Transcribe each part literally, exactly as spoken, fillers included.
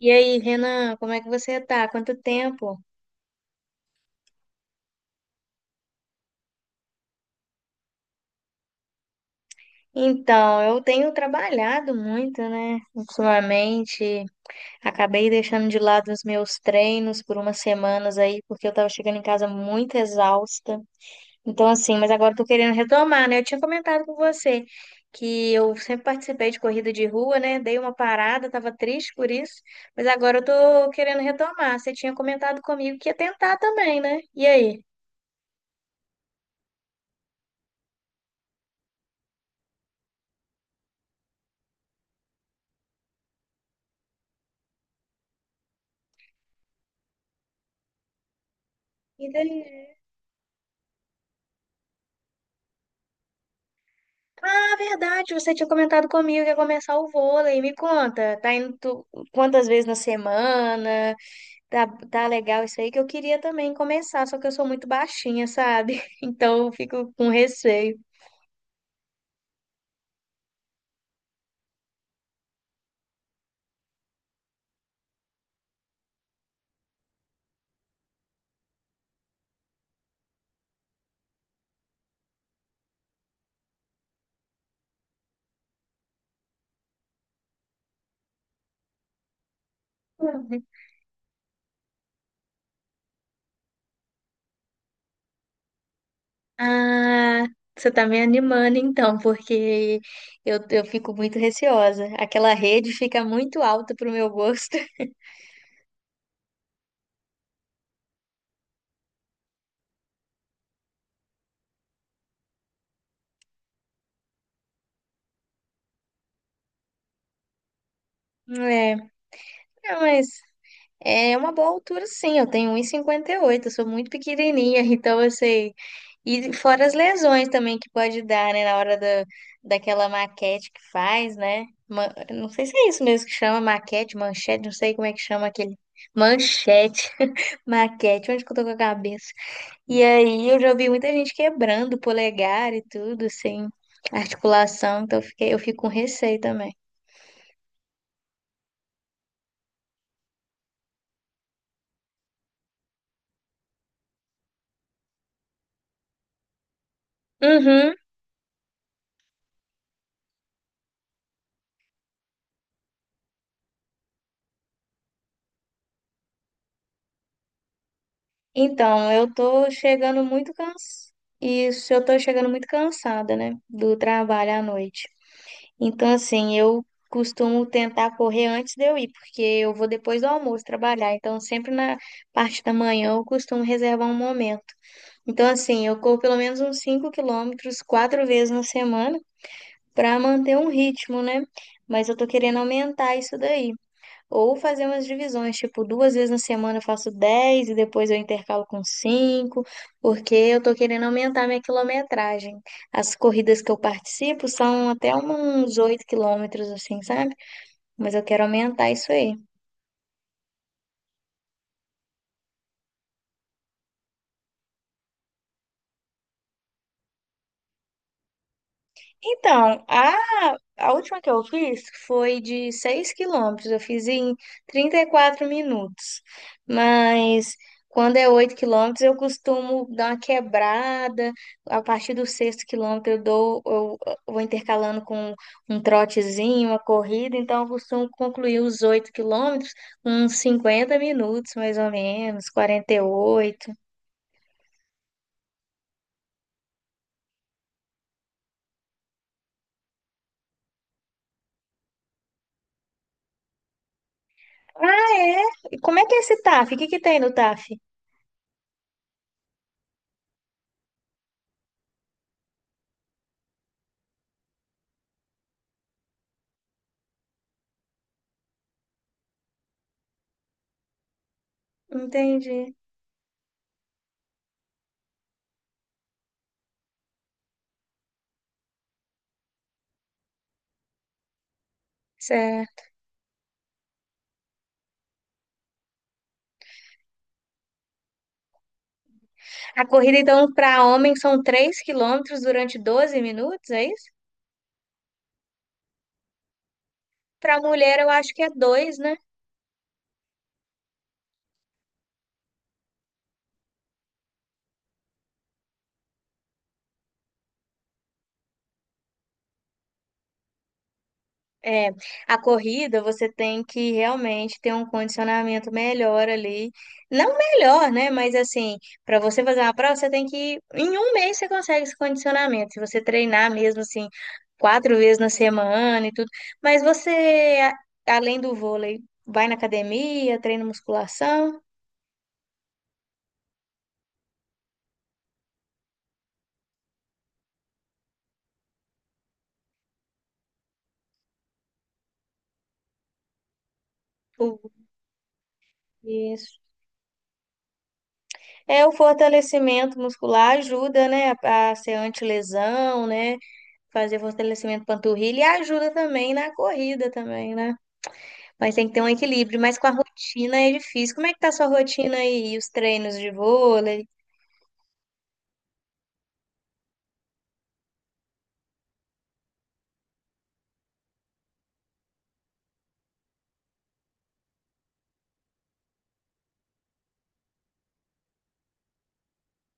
E aí, Renan, como é que você tá? Quanto tempo? Então, eu tenho trabalhado muito, né? Ultimamente, acabei deixando de lado os meus treinos por umas semanas aí, porque eu tava chegando em casa muito exausta. Então, assim, mas agora eu tô querendo retomar, né? Eu tinha comentado com você que eu sempre participei de corrida de rua, né? Dei uma parada, tava triste por isso, mas agora eu tô querendo retomar. Você tinha comentado comigo que ia tentar também, né? E aí? E verdade, você tinha comentado comigo que ia começar o vôlei. Me conta, tá indo tu- quantas vezes na semana? Tá, tá legal isso aí que eu queria também começar, só que eu sou muito baixinha, sabe? Então eu fico com receio. Uhum. Ah, você tá me animando então, porque eu, eu fico muito receosa. Aquela rede fica muito alta pro meu gosto. É, é, mas É uma boa altura, sim. Eu tenho um vírgula cinquenta e oito, eu sou muito pequenininha, então eu sei. E fora as lesões também que pode dar, né, na hora da, daquela maquete que faz, né? Ma- Não sei se é isso mesmo que chama maquete, manchete, não sei como é que chama aquele. Manchete, maquete, onde que eu tô com a cabeça? E aí eu já vi muita gente quebrando o polegar e tudo, assim, articulação, então eu fiquei, eu fico com receio também. Uhum. Então, eu tô chegando muito cansada. Isso, eu tô chegando muito cansada, né? Do trabalho à noite. Então, assim, eu costumo tentar correr antes de eu ir, porque eu vou depois do almoço trabalhar. Então, sempre na parte da manhã eu costumo reservar um momento. Então, assim, eu corro pelo menos uns cinco quilômetros quatro vezes na semana para manter um ritmo, né? Mas eu tô querendo aumentar isso daí. Ou fazer umas divisões, tipo, duas vezes na semana eu faço dez e depois eu intercalo com cinco porque eu tô querendo aumentar minha quilometragem. As corridas que eu participo são até uns oito quilômetros, assim, sabe? Mas eu quero aumentar isso aí. Então, a, a última que eu fiz foi de seis quilômetros. Eu fiz em trinta e quatro minutos. Mas quando é oito quilômetros, eu costumo dar uma quebrada. A partir do sexto quilômetro, eu dou, eu, eu vou intercalando com um trotezinho, uma corrida. Então, eu costumo concluir os oito quilômetros com uns cinquenta minutos, mais ou menos, quarenta e oito. Ah, é? E como é que é esse T A F? O que que tem no T A F? Entendi. A corrida, então, para homem são três quilômetros durante doze minutos, é isso? Para mulher, eu acho que é dois, né? É, a corrida você tem que realmente ter um condicionamento melhor ali. Não melhor, né? Mas assim, para você fazer uma prova, você tem que. Em um mês você consegue esse condicionamento. Se você treinar mesmo assim, quatro vezes na semana e tudo. Mas você, a- além do vôlei, vai na academia, treina musculação. Tudo isso. É, o fortalecimento muscular ajuda, né, a a ser antilesão, né, fazer fortalecimento panturrilha e ajuda também na corrida também, né? Mas tem que ter um equilíbrio, mas com a rotina é difícil. Como é que tá a sua rotina aí? E os treinos de vôlei?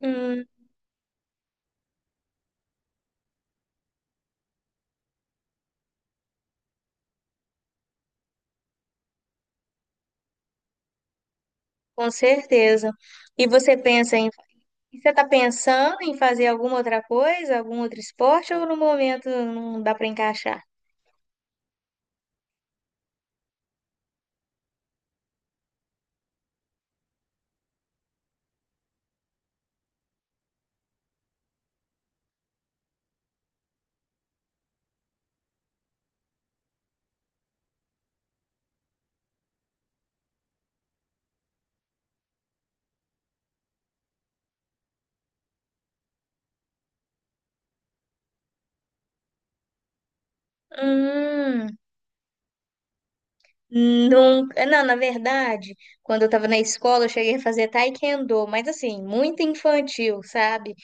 Hum, com certeza. E você pensa em, você tá pensando em fazer alguma outra coisa, algum outro esporte ou no momento não dá para encaixar? Hum. Nunca, não, na verdade, quando eu tava na escola, eu cheguei a fazer taekwondo, mas assim, muito infantil, sabe?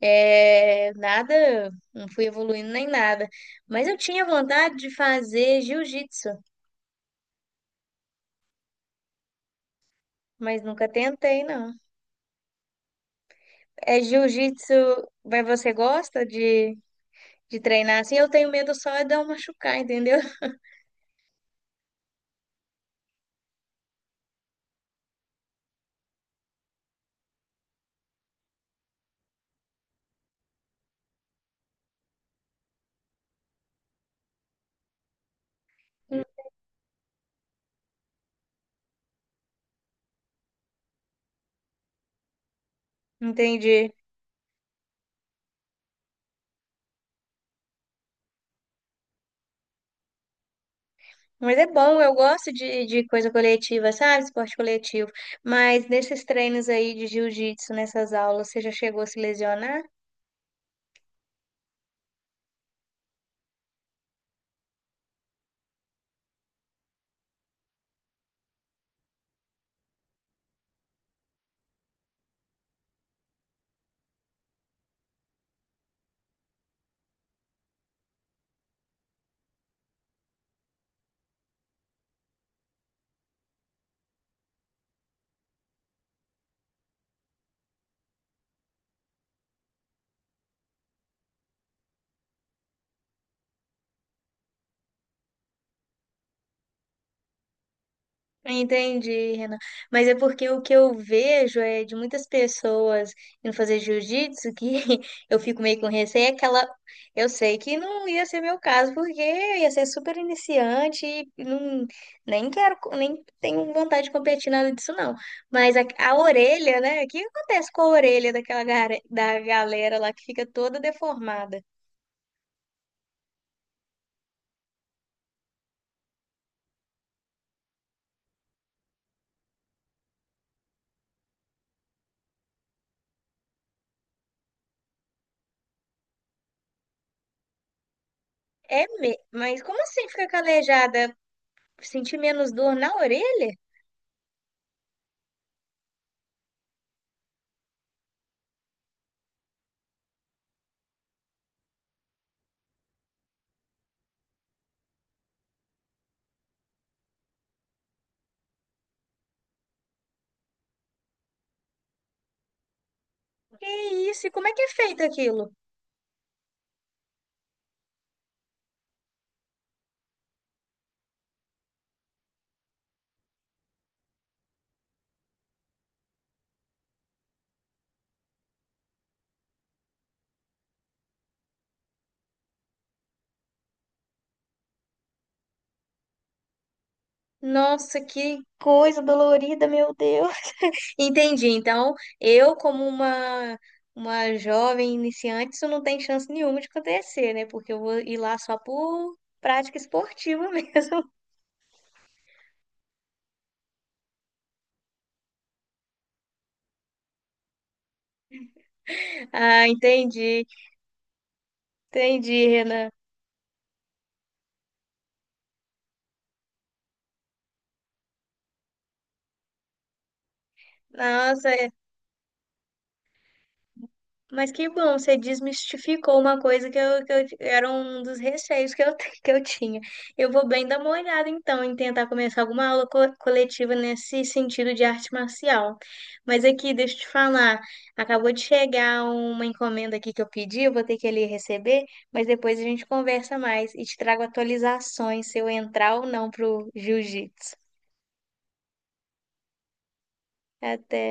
É, nada, não fui evoluindo nem nada. Mas eu tinha vontade de fazer jiu-jitsu, mas nunca tentei, não. É jiu-jitsu, mas você gosta de, de treinar assim? Eu tenho medo só de eu machucar, entendeu? Entendi. Mas é bom, eu gosto de, de coisa coletiva, sabe? Esporte coletivo. Mas nesses treinos aí de jiu-jitsu, nessas aulas, você já chegou a se lesionar? Entendi, Renan. Mas é porque o que eu vejo é de muitas pessoas indo fazer jiu-jitsu que eu fico meio com receio, é aquela. Eu sei que não ia ser meu caso, porque eu ia ser super iniciante e não, nem quero, co- nem tenho vontade de competir nada disso, não. Mas a, a orelha, né? O que acontece com a orelha daquela gara- da galera lá que fica toda deformada? É, me... mas como assim fica calejada? Sentir menos dor na orelha? Que isso? E como é que é feito aquilo? Nossa, que coisa dolorida, meu Deus. Entendi. Então, eu, como uma, uma jovem iniciante, isso não tem chance nenhuma de acontecer, né? Porque eu vou ir lá só por prática esportiva mesmo. Ah, entendi. Entendi, Renan. Nossa, mas que bom, você desmistificou uma coisa que, eu, que eu- era um dos receios que eu, que eu tinha. Eu vou bem dar uma olhada, então, em tentar começar alguma aula co- coletiva nesse sentido de arte marcial. Mas aqui, deixa eu te falar, acabou de chegar uma encomenda aqui que eu pedi, eu vou ter que ali receber, mas depois a gente conversa mais e te trago atualizações se eu entrar ou não pro jiu-jitsu. Até.